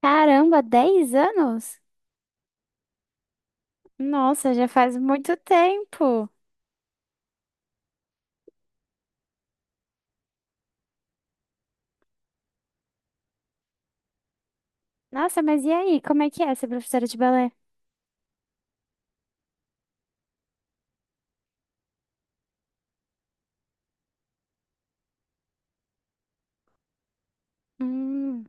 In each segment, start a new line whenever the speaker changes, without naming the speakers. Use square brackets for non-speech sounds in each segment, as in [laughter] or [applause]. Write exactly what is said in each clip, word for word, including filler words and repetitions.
Caramba, dez anos? Nossa, já faz muito tempo. Nossa, mas e aí? Como é que é ser professora de balé? Hum.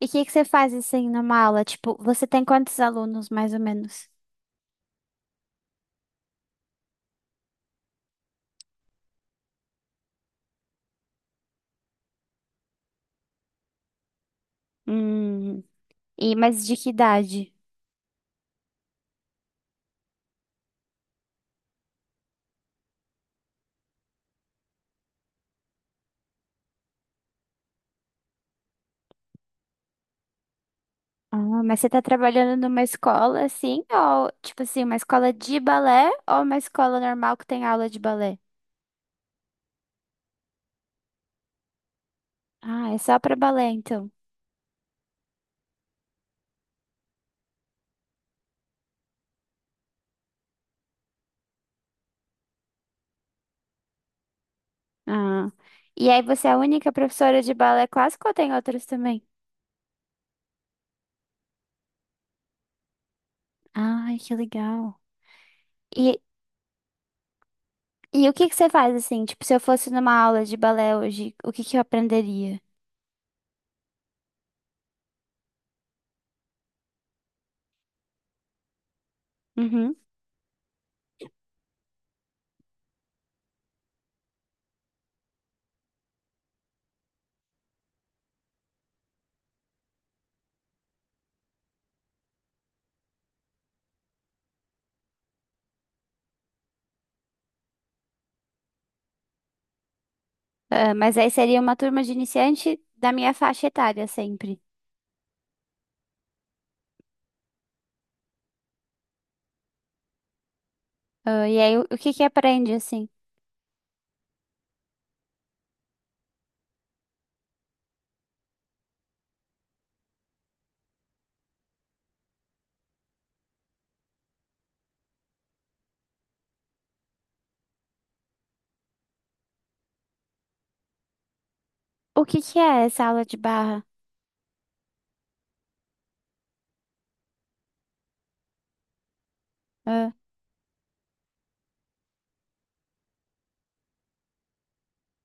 E o que que você faz assim numa aula? Tipo, você tem quantos alunos mais ou menos? Hum. E mas de que idade? Ah, mas você tá trabalhando numa escola assim, ou tipo assim, uma escola de balé ou uma escola normal que tem aula de balé? Ah, é só pra balé então. Ah. E aí você é a única professora de balé clássico ou tem outras também? Ai, que legal. E, e o que que você faz assim? Tipo, se eu fosse numa aula de balé hoje, o que que eu aprenderia? Uhum. Ah, mas aí seria uma turma de iniciante da minha faixa etária sempre. Ah, e aí o, o que que aprende assim? O que que é essa aula de barra? Ah,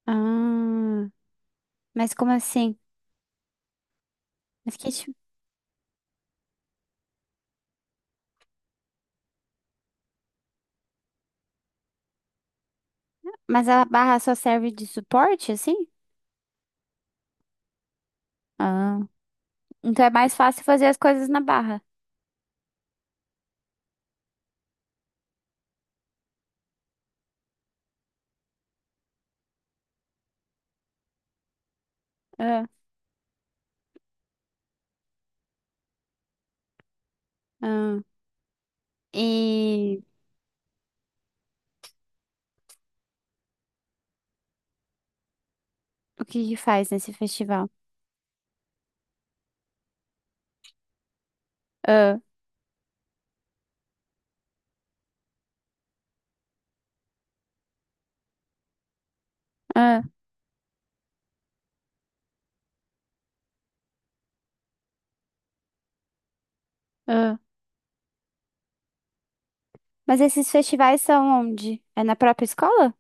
ah, mas como assim? Mas, que tipo- mas a barra só serve de suporte, assim? Ah, então é mais fácil fazer as coisas na barra. Ah, ah. E o que que faz nesse festival? Ah, ah. Ah, mas esses festivais são onde? É na própria escola?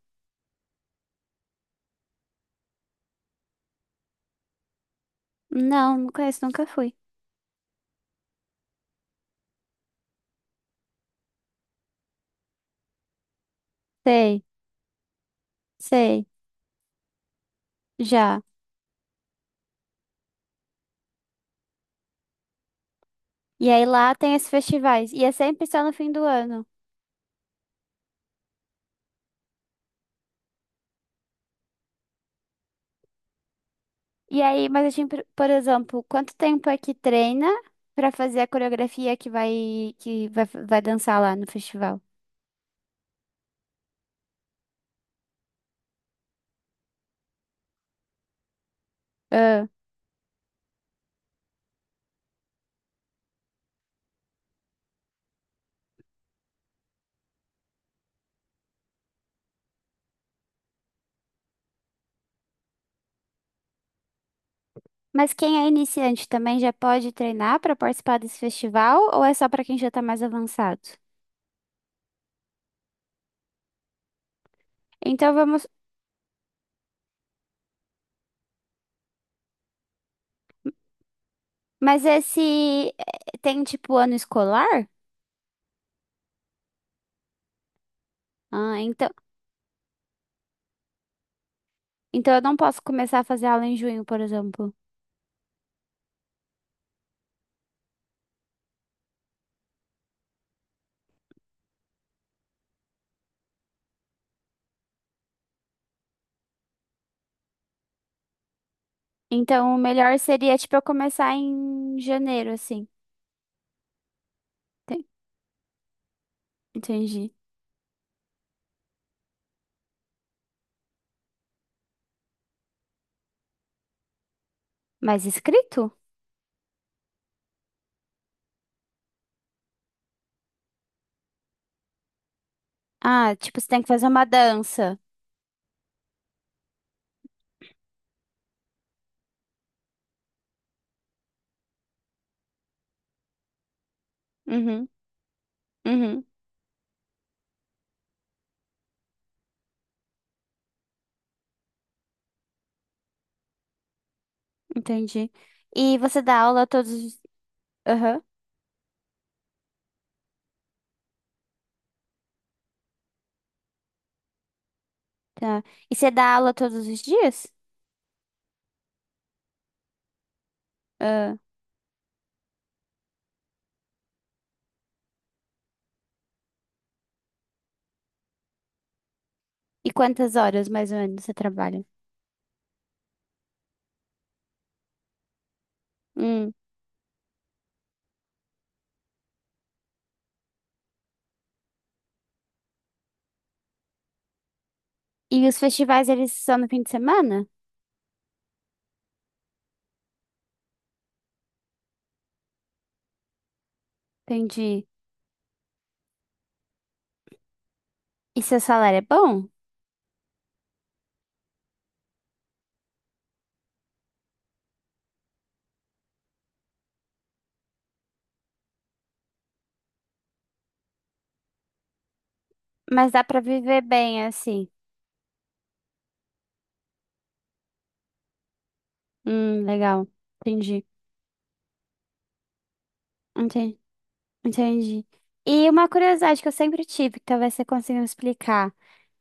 Não, não conheço, nunca fui. Sei, sei, já. E aí lá tem esses festivais. E é sempre só no fim do ano. E aí, mas assim, por por exemplo, quanto tempo é que treina pra fazer a coreografia que vai que vai, vai dançar lá no festival? Ah, mas quem é iniciante também já pode treinar pra participar desse festival ou é só pra quem já tá mais avançado? Então vamos. Mas esse eh, tem tipo ano escolar? Ah, então, então, eu não posso começar a fazer aula em junho, por exemplo. Então, o melhor seria, tipo, eu começar em janeiro, assim. Enten- Entendi. Mas escrito? Ah, tipo, você tem que fazer uma dança. Uhum, uhum, entendi. E você dá aula todos os... Aham, tá. E você dá aula todos os dias? Ah, e quantas horas, mais ou menos, você trabalha? Hum. E os festivais, eles são no fim de semana? Entendi. E seu salário é bom? Mas dá pra viver bem, assim. Hum, legal. Entendi. Entendi. Entendi. E uma curiosidade que eu sempre tive, que talvez você consiga me explicar.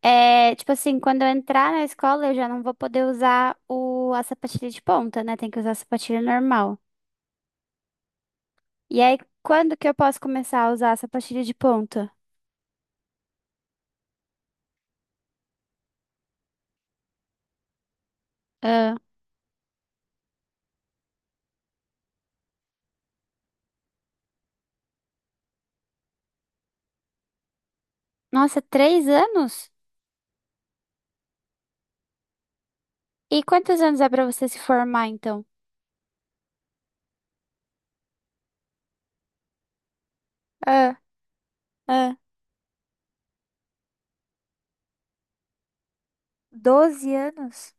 É, tipo assim, quando eu entrar na escola, eu já não vou poder usar o, a sapatilha de ponta, né? Tem que usar a sapatilha normal. E aí, quando que eu posso começar a usar a sapatilha de ponta? Ah, nossa, três anos? E quantos anos é pra você se formar, então? Ah, ah, doze anos?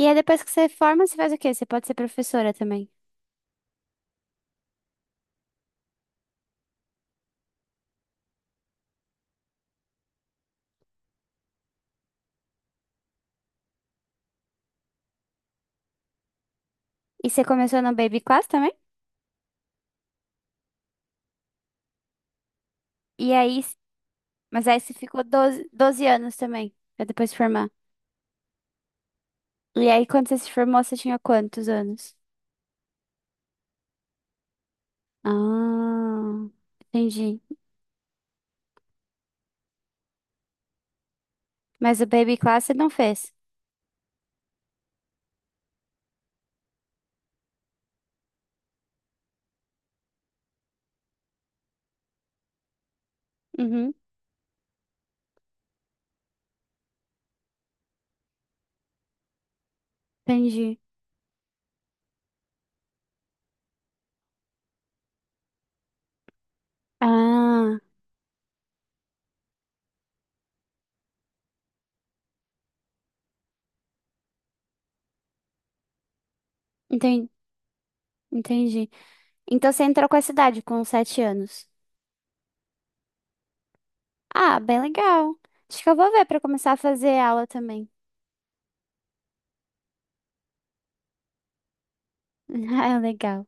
E aí, depois que você forma, você faz o quê? Você pode ser professora também. E você começou no Baby Class também? E aí, mas aí você ficou doze doze anos também, pra depois se formar. E aí, quando você se formou, você tinha quantos anos? Ah, entendi. Mas o Baby Class você não fez. Uhum, entendi. Ah, entendi, entendi. Então você entrou com essa idade, com sete anos. Ah, bem legal. Acho que eu vou ver pra começar a fazer aula também. [laughs] Ah, legal.